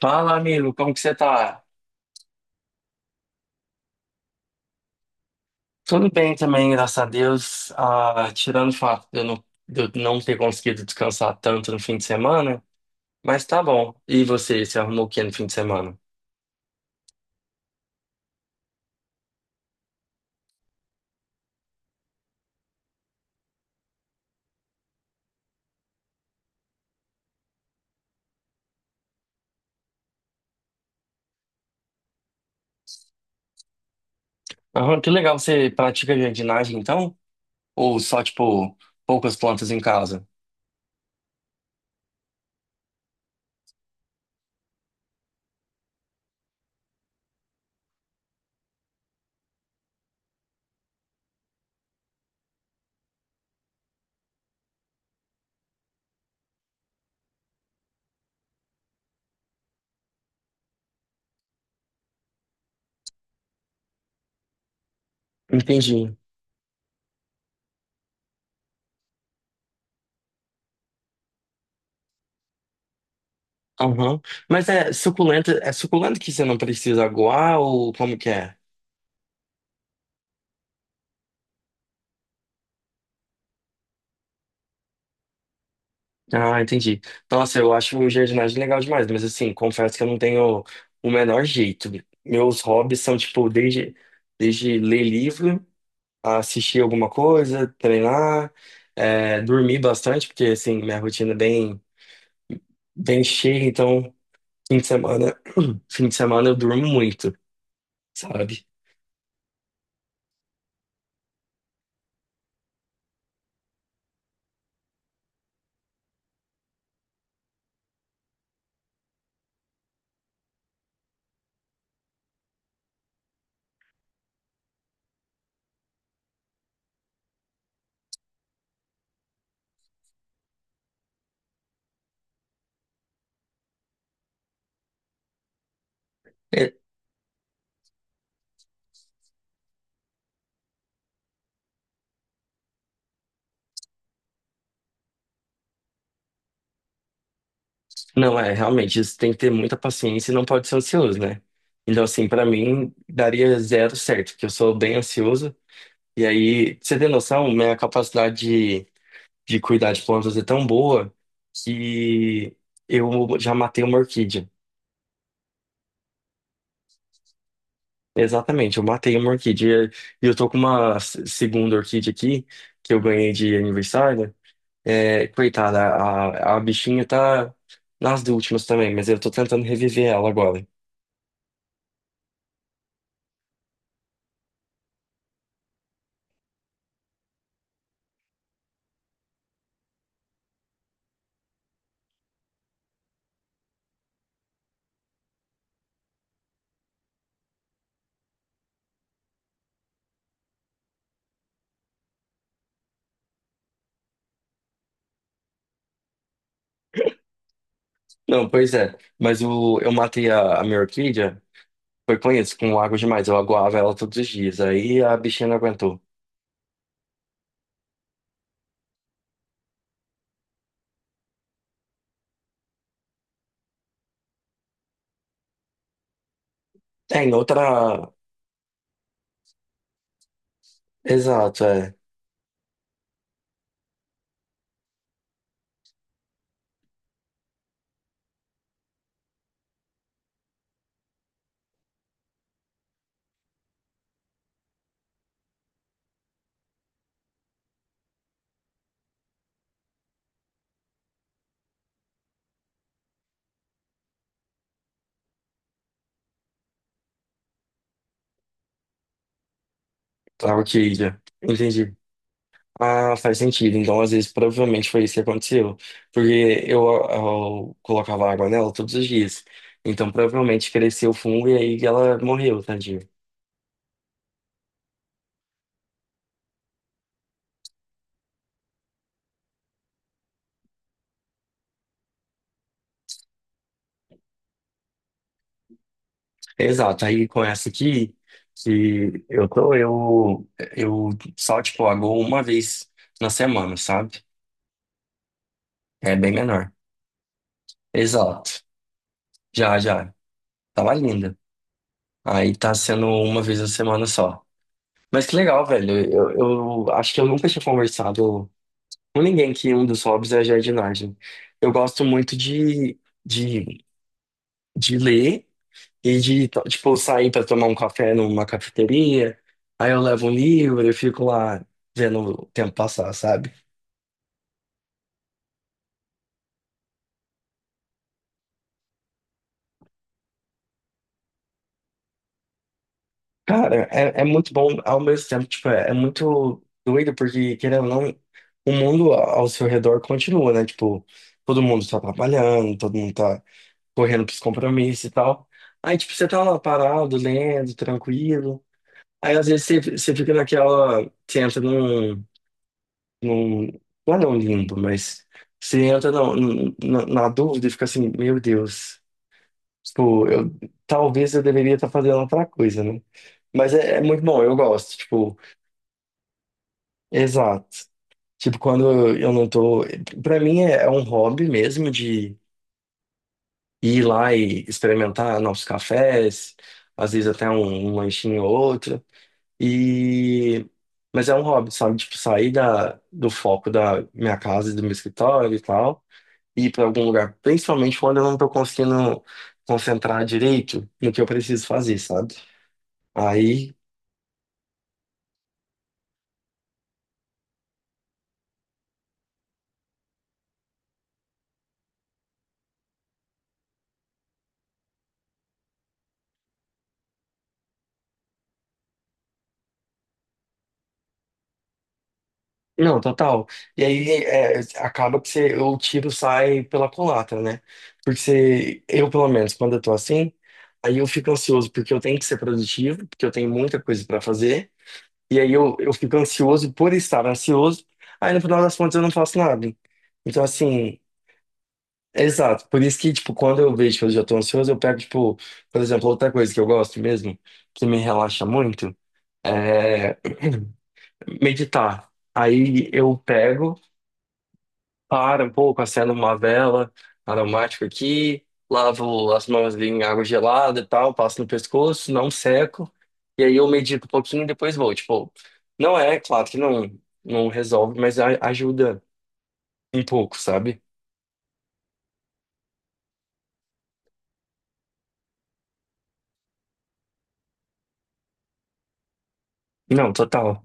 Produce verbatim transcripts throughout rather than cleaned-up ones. Fala, amigo, como que você tá? Tudo bem também, graças a Deus. Ah, tirando o fato de eu não, de eu não ter conseguido descansar tanto no fim de semana, mas tá bom. E você, você arrumou o que no fim de semana? Aham, que legal, você pratica jardinagem então? Ou só, tipo, poucas plantas em casa? Entendi. Aham. Mas é suculenta, é suculenta que você não precisa aguar ou como que é? Ah, entendi. Nossa, eu acho jardinagem legal demais, mas assim, confesso que eu não tenho o menor jeito. Meus hobbies são, tipo, desde, desde ler livro, assistir alguma coisa, treinar, é, dormir bastante, porque, assim, minha rotina é bem, bem cheia, então, fim de semana, fim de semana eu durmo muito, sabe? É, não, é, realmente, isso tem que ter muita paciência e não pode ser ansioso, né? Então, assim, pra mim, daria zero certo, porque eu sou bem ansioso. E aí, você tem noção, minha capacidade de, de cuidar de plantas é tão boa que eu já matei uma orquídea. Exatamente, eu matei uma orquídea. E eu tô com uma se- segunda orquídea aqui, que eu ganhei de aniversário. É, coitada, a, a bichinha tá nas últimas também, mas eu tô tentando reviver ela agora. Não, pois é, mas o, eu matei a, a minha orquídea, foi com isso, com água demais. Eu aguava ela todos os dias, aí a bichinha não aguentou. É, em outra. Exato, é. Claro que ilha. Entendi. Ah, faz sentido. Então, às vezes, provavelmente foi isso que aconteceu. Porque eu, eu colocava água nela todos os dias. Então, provavelmente cresceu o fungo e aí ela morreu, tadinha. Exato. Aí, com essa aqui, que eu tô, eu, eu só, tipo, aguo uma vez na semana, sabe? É bem menor. Exato. Já, já. Tava linda. Aí tá sendo uma vez na semana só. Mas que legal, velho. Eu, eu acho que eu nunca tinha conversado com ninguém que um dos hobbies é a jardinagem. Eu gosto muito de, de, de ler e de, to- tipo, sair para tomar um café numa cafeteria. Aí eu levo um livro e fico lá vendo o tempo passar, sabe? Cara, é, é muito bom ao mesmo tempo, tipo, é, é muito doido porque, querendo ou não, o mundo ao seu redor continua, né? Tipo, todo mundo tá trabalhando, todo mundo tá correndo pros compromissos e tal. Aí, tipo, você tá lá parado, lendo, tranquilo. Aí, às vezes, você, você fica naquela. Você entra num, num. Não é não limbo, mas. Você entra na, na, na dúvida e fica assim: meu Deus. Tipo, eu, talvez eu deveria estar fazendo outra coisa, né? Mas é, é muito bom, eu gosto. Tipo, exato. Tipo, quando eu não tô. Pra mim é, é um hobby mesmo de ir lá e experimentar novos cafés, às vezes até um, um lanchinho ou outro. E mas é um hobby, sabe? Tipo, sair da, do foco da minha casa, e do meu escritório e tal, e ir para algum lugar, principalmente quando eu não tô conseguindo concentrar direito no que eu preciso fazer, sabe? Aí não, total. E aí é, acaba que você, o tiro sai pela culatra, né? Porque você, eu, pelo menos, quando eu tô assim, aí eu fico ansioso porque eu tenho que ser produtivo, porque eu tenho muita coisa pra fazer. E aí eu, eu fico ansioso por estar ansioso. Aí no final das contas eu não faço nada. Então, assim, exato. Por isso que, tipo, quando eu vejo que eu já tô ansioso, eu pego, tipo, por exemplo, outra coisa que eu gosto mesmo, que me relaxa muito, é meditar. Aí eu pego. Para um pouco, acendo uma vela aromática aqui, lavo as mãos ali em água gelada e tal, passo no pescoço, não seco, e aí eu medito um pouquinho e depois vou. Tipo, não é, claro que não, não resolve, mas a- ajuda um pouco, sabe? Não, total.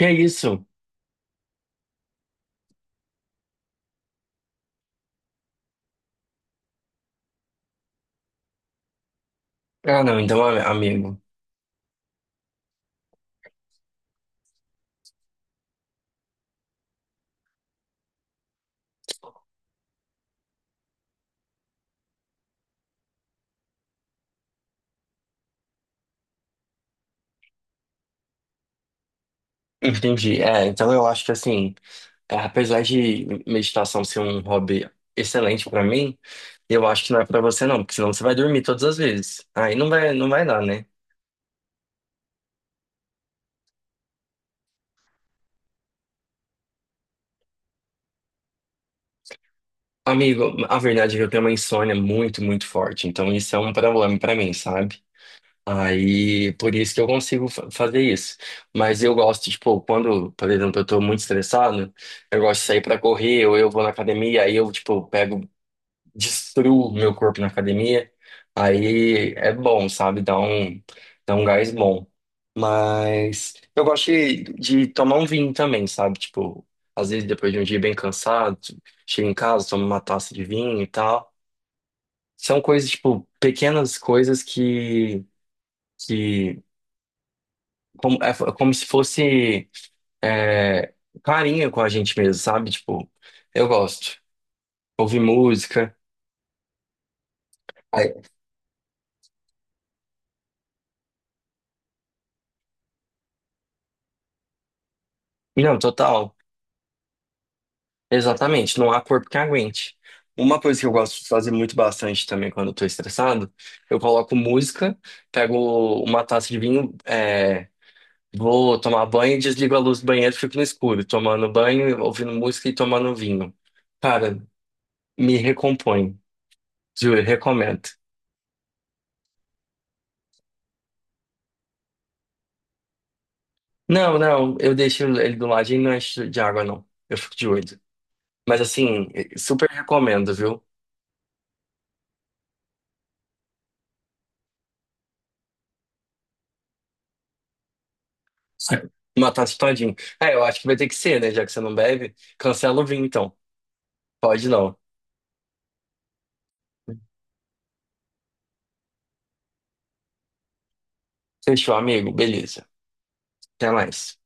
E é isso. Ah, não, então, a- amigo, entendi. É, então eu acho que assim, é, apesar de meditação ser um hobby excelente pra mim, eu acho que não é pra você não, porque senão você vai dormir todas as vezes. Aí não vai, não vai dar, né? Amigo, a verdade é que eu tenho uma insônia muito, muito forte, então isso é um problema pra mim, sabe? Aí, por isso que eu consigo fa- fazer isso. Mas eu gosto, tipo, quando, por exemplo, eu tô muito estressado, eu gosto de sair pra correr, ou eu vou na academia, aí eu, tipo, pego destruo meu corpo na academia. Aí é bom, sabe? Dá um, dá um gás bom. Mas eu gosto de, de tomar um vinho também, sabe? Tipo, às vezes depois de um dia bem cansado, chego em casa, tomo uma taça de vinho e tal. São coisas, tipo, pequenas coisas que, que como, é é como se fosse é, carinho com a gente mesmo, sabe? Tipo, eu gosto. Ouvir música. Aí- Não, total. Exatamente, não há corpo que aguente. Uma coisa que eu gosto de fazer muito bastante também quando eu tô estressado, eu coloco música, pego uma taça de vinho, é, vou tomar banho, desligo a luz do banheiro, fico no escuro, tomando banho, ouvindo música e tomando vinho. Cara, me recompõe, juro, recomendo. Não, não, eu deixo ele do ladinho e não encho de água, não. Eu fico de olho. Mas assim, super recomendo, viu? Matar isso todinho. É, eu acho que vai ter que ser, né? Já que você não bebe, cancela o vinho, então. Pode não. Fechou, amigo. Beleza. Até mais.